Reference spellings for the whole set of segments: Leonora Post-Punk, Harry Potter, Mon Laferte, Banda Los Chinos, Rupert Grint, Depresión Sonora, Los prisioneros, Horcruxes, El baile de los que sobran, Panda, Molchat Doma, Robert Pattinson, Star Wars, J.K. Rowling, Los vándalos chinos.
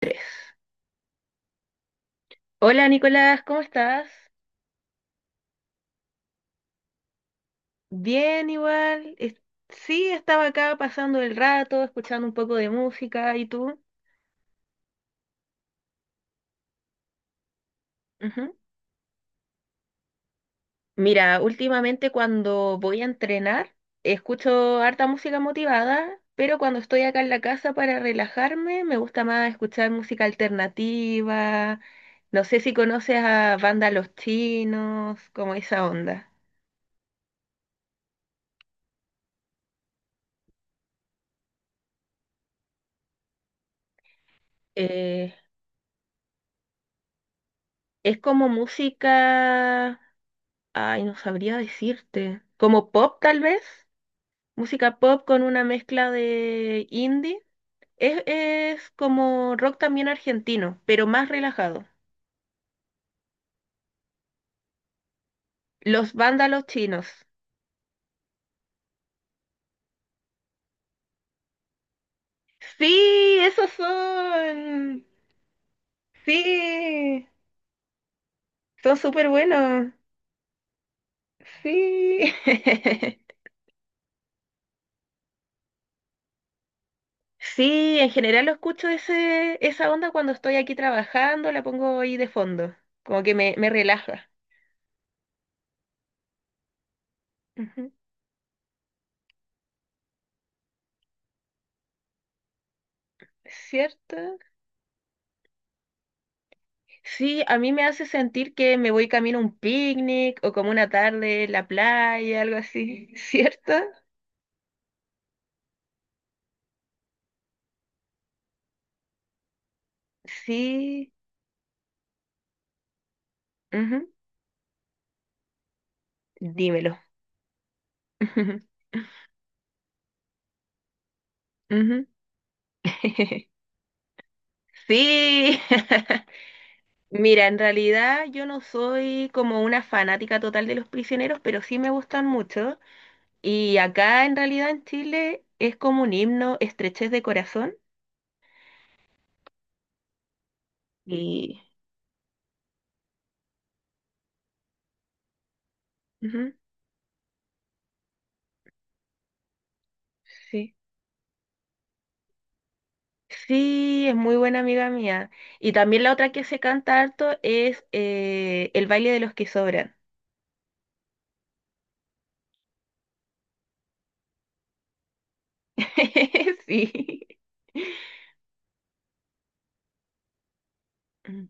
Tres. Hola Nicolás, ¿cómo estás? Bien, igual. Sí, estaba acá pasando el rato, escuchando un poco de música. ¿Y tú? Ujú. Mira, últimamente cuando voy a entrenar, escucho harta música motivada, pero cuando estoy acá en la casa para relajarme, me gusta más escuchar música alternativa. No sé si conoces a Banda Los Chinos, como esa onda. Eh, es como música. Ay, no sabría decirte. Como pop, tal vez. Música pop con una mezcla de indie. Es como rock también argentino, pero más relajado. Los vándalos chinos. Sí, esos son. Sí, son súper buenos. Sí. Sí, en general lo escucho esa onda cuando estoy aquí trabajando, la pongo ahí de fondo, como que me relaja. Ujú. ¿Cierto? Sí, a mí me hace sentir que me voy camino a un picnic o como una tarde en la playa, algo así, ¿cierto? Sí, ujú. Dímelo. Ujú. Sí. Mira, en realidad yo no soy como una fanática total de los prisioneros, pero sí me gustan mucho. Y acá en realidad en Chile es como un himno, estrechez de corazón. Y ujú, sí. Sí, es muy buena amiga mía. Y también la otra que se canta harto es El baile de los que sobran. Sí. Mm,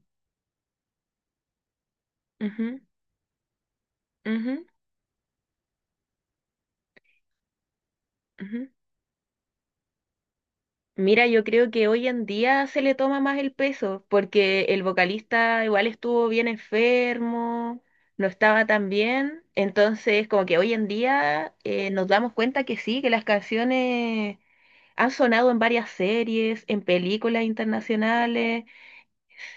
ujú, ujú, ujú. Mira, yo creo que hoy en día se le toma más el peso porque el vocalista igual estuvo bien enfermo, no estaba tan bien. Entonces, como que hoy en día nos damos cuenta que sí, que las canciones han sonado en varias series, en películas internacionales.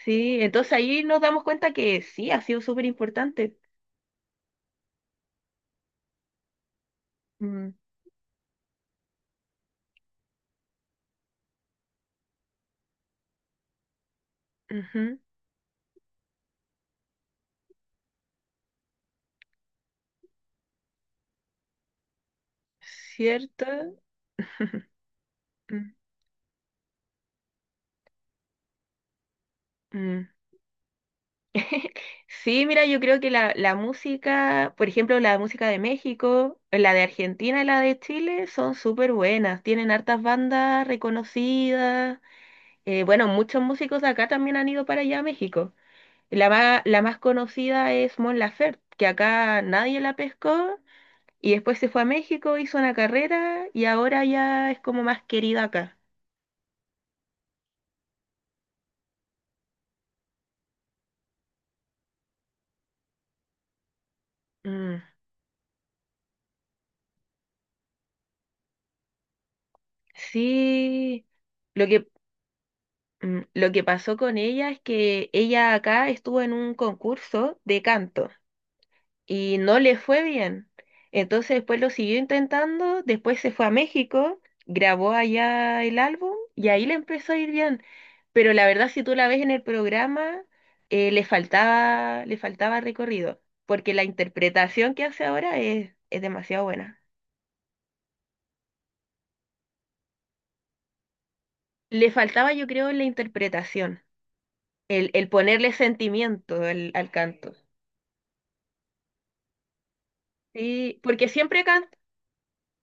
Sí, entonces ahí nos damos cuenta que sí, ha sido súper importante. Mm, ujú, ¿cierto? Mm, mm. Sí, mira, yo creo que la música, por ejemplo, la música de México, la de Argentina y la de Chile son súper buenas, tienen hartas bandas reconocidas. Bueno, muchos músicos de acá también han ido para allá a México. La más conocida es Mon Laferte, que acá nadie la pescó. Y después se fue a México, hizo una carrera y ahora ya es como más querida acá. Mm, sí, lo que, lo que pasó con ella es que ella acá estuvo en un concurso de canto y no le fue bien. Entonces después lo siguió intentando, después se fue a México, grabó allá el álbum y ahí le empezó a ir bien. Pero la verdad, si tú la ves en el programa, le faltaba recorrido, porque la interpretación que hace ahora es demasiado buena. Le faltaba, yo creo, la interpretación, el ponerle sentimiento al canto. Sí, porque siempre canta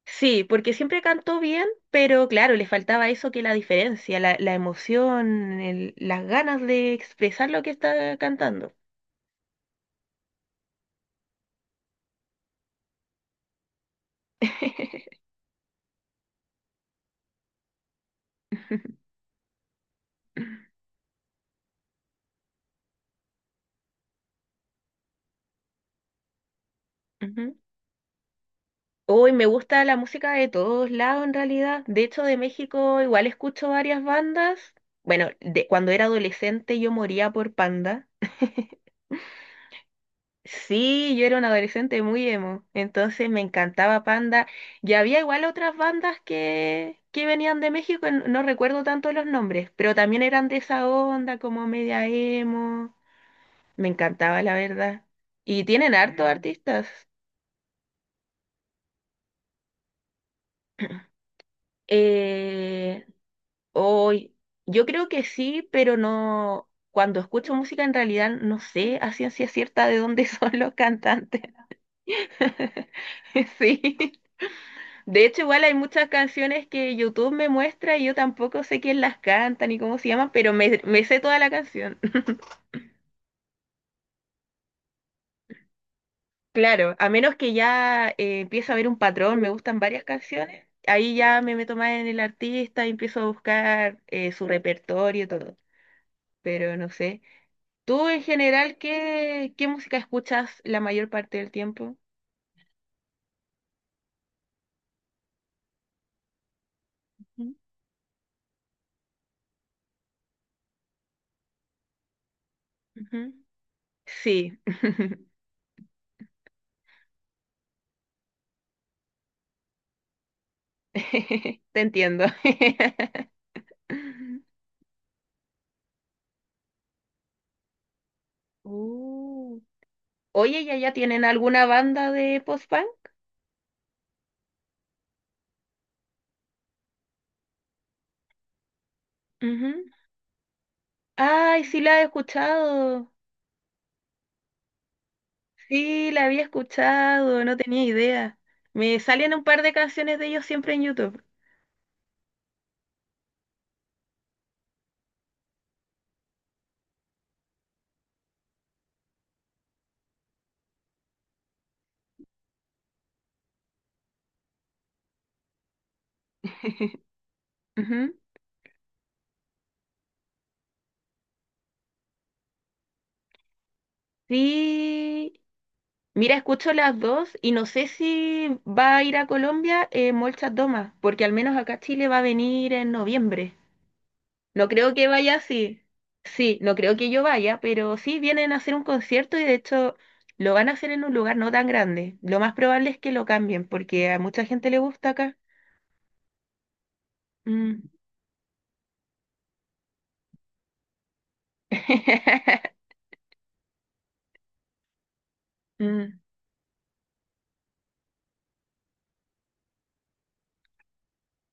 Sí, porque siempre cantó bien, pero claro, le faltaba eso que la diferencia, la emoción, las ganas de expresar lo que está cantando. Ujú. Hoy me gusta la música de todos lados en realidad. De hecho, de México igual escucho varias bandas. Bueno, cuando era adolescente yo moría por Panda. Sí, yo era un adolescente muy emo, entonces me encantaba Panda. Y había igual otras bandas que venían de México, no recuerdo tanto los nombres, pero también eran de esa onda, como media emo. Me encantaba, la verdad. Y tienen harto mm artistas. Eh, hoy, yo creo que sí, pero no. Cuando escucho música, en realidad no sé a ciencia cierta de dónde son los cantantes. Sí. De hecho, igual hay muchas canciones que YouTube me muestra y yo tampoco sé quién las canta ni cómo se llaman, pero me sé toda la canción. Claro, a menos que ya empiezo a ver un patrón, me gustan varias canciones, ahí ya me meto más en el artista y empiezo a buscar su repertorio y todo, pero no sé. ¿Tú en general qué música escuchas la mayor parte del tiempo? Ujú. Ujú. Sí, te entiendo. Uh, oye, ¿ ya tienen alguna banda de post-punk? Ujú. Ay, sí la he escuchado. Sí, la había escuchado, no tenía idea. Me salen un par de canciones de ellos siempre en YouTube. Ujú. Sí. Mira, escucho las dos y no sé si va a ir a Colombia Molchat Doma, porque al menos acá a Chile va a venir en noviembre. No creo que vaya así. Sí, no creo que yo vaya, pero sí vienen a hacer un concierto y de hecho lo van a hacer en un lugar no tan grande. Lo más probable es que lo cambien porque a mucha gente le gusta acá. Mm. Mm.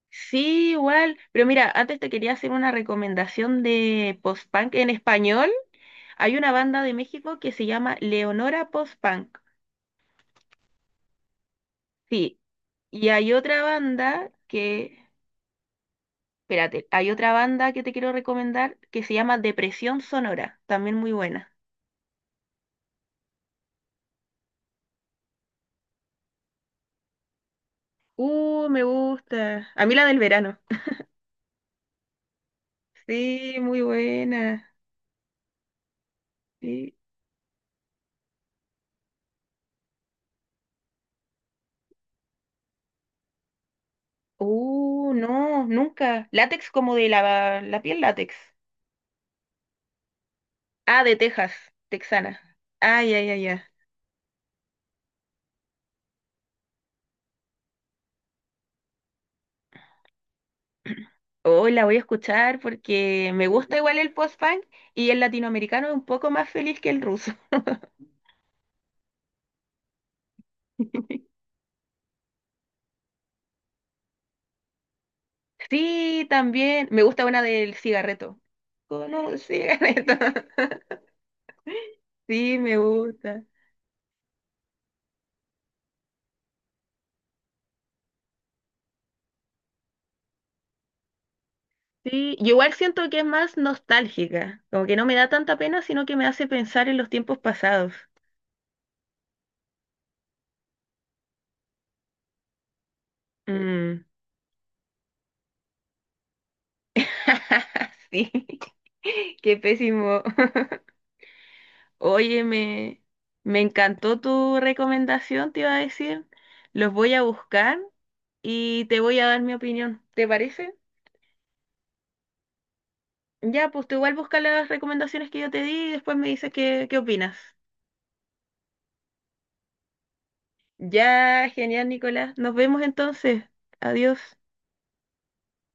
Sí, igual. Pero mira, antes te quería hacer una recomendación de post-punk en español. Hay una banda de México que se llama Leonora Post-Punk. Sí. Y hay otra banda que... Espérate, hay otra banda que te quiero recomendar que se llama Depresión Sonora, también muy buena. Me gusta. A mí la del verano. Sí, muy buena. Sí. No, nunca. Látex como de la piel látex. Ah, de Texas, texana. Ay, ay, ay, ay. Hoy la voy a escuchar porque me gusta igual el post-punk y el latinoamericano es un poco más feliz que el ruso. Sí, también me gusta una del cigarreto. Con un cigarreto. Sí, me gusta. Sí, yo igual siento que es más nostálgica, como que no me da tanta pena, sino que me hace pensar en los tiempos pasados. Mm. Sí, qué pésimo. Oye, me encantó tu recomendación, te iba a decir. Los voy a buscar y te voy a dar mi opinión. ¿Te parece? Ya, pues tú igual busca las recomendaciones que yo te di y después me dices qué opinas. Ya, genial, Nicolás. Nos vemos entonces. Adiós.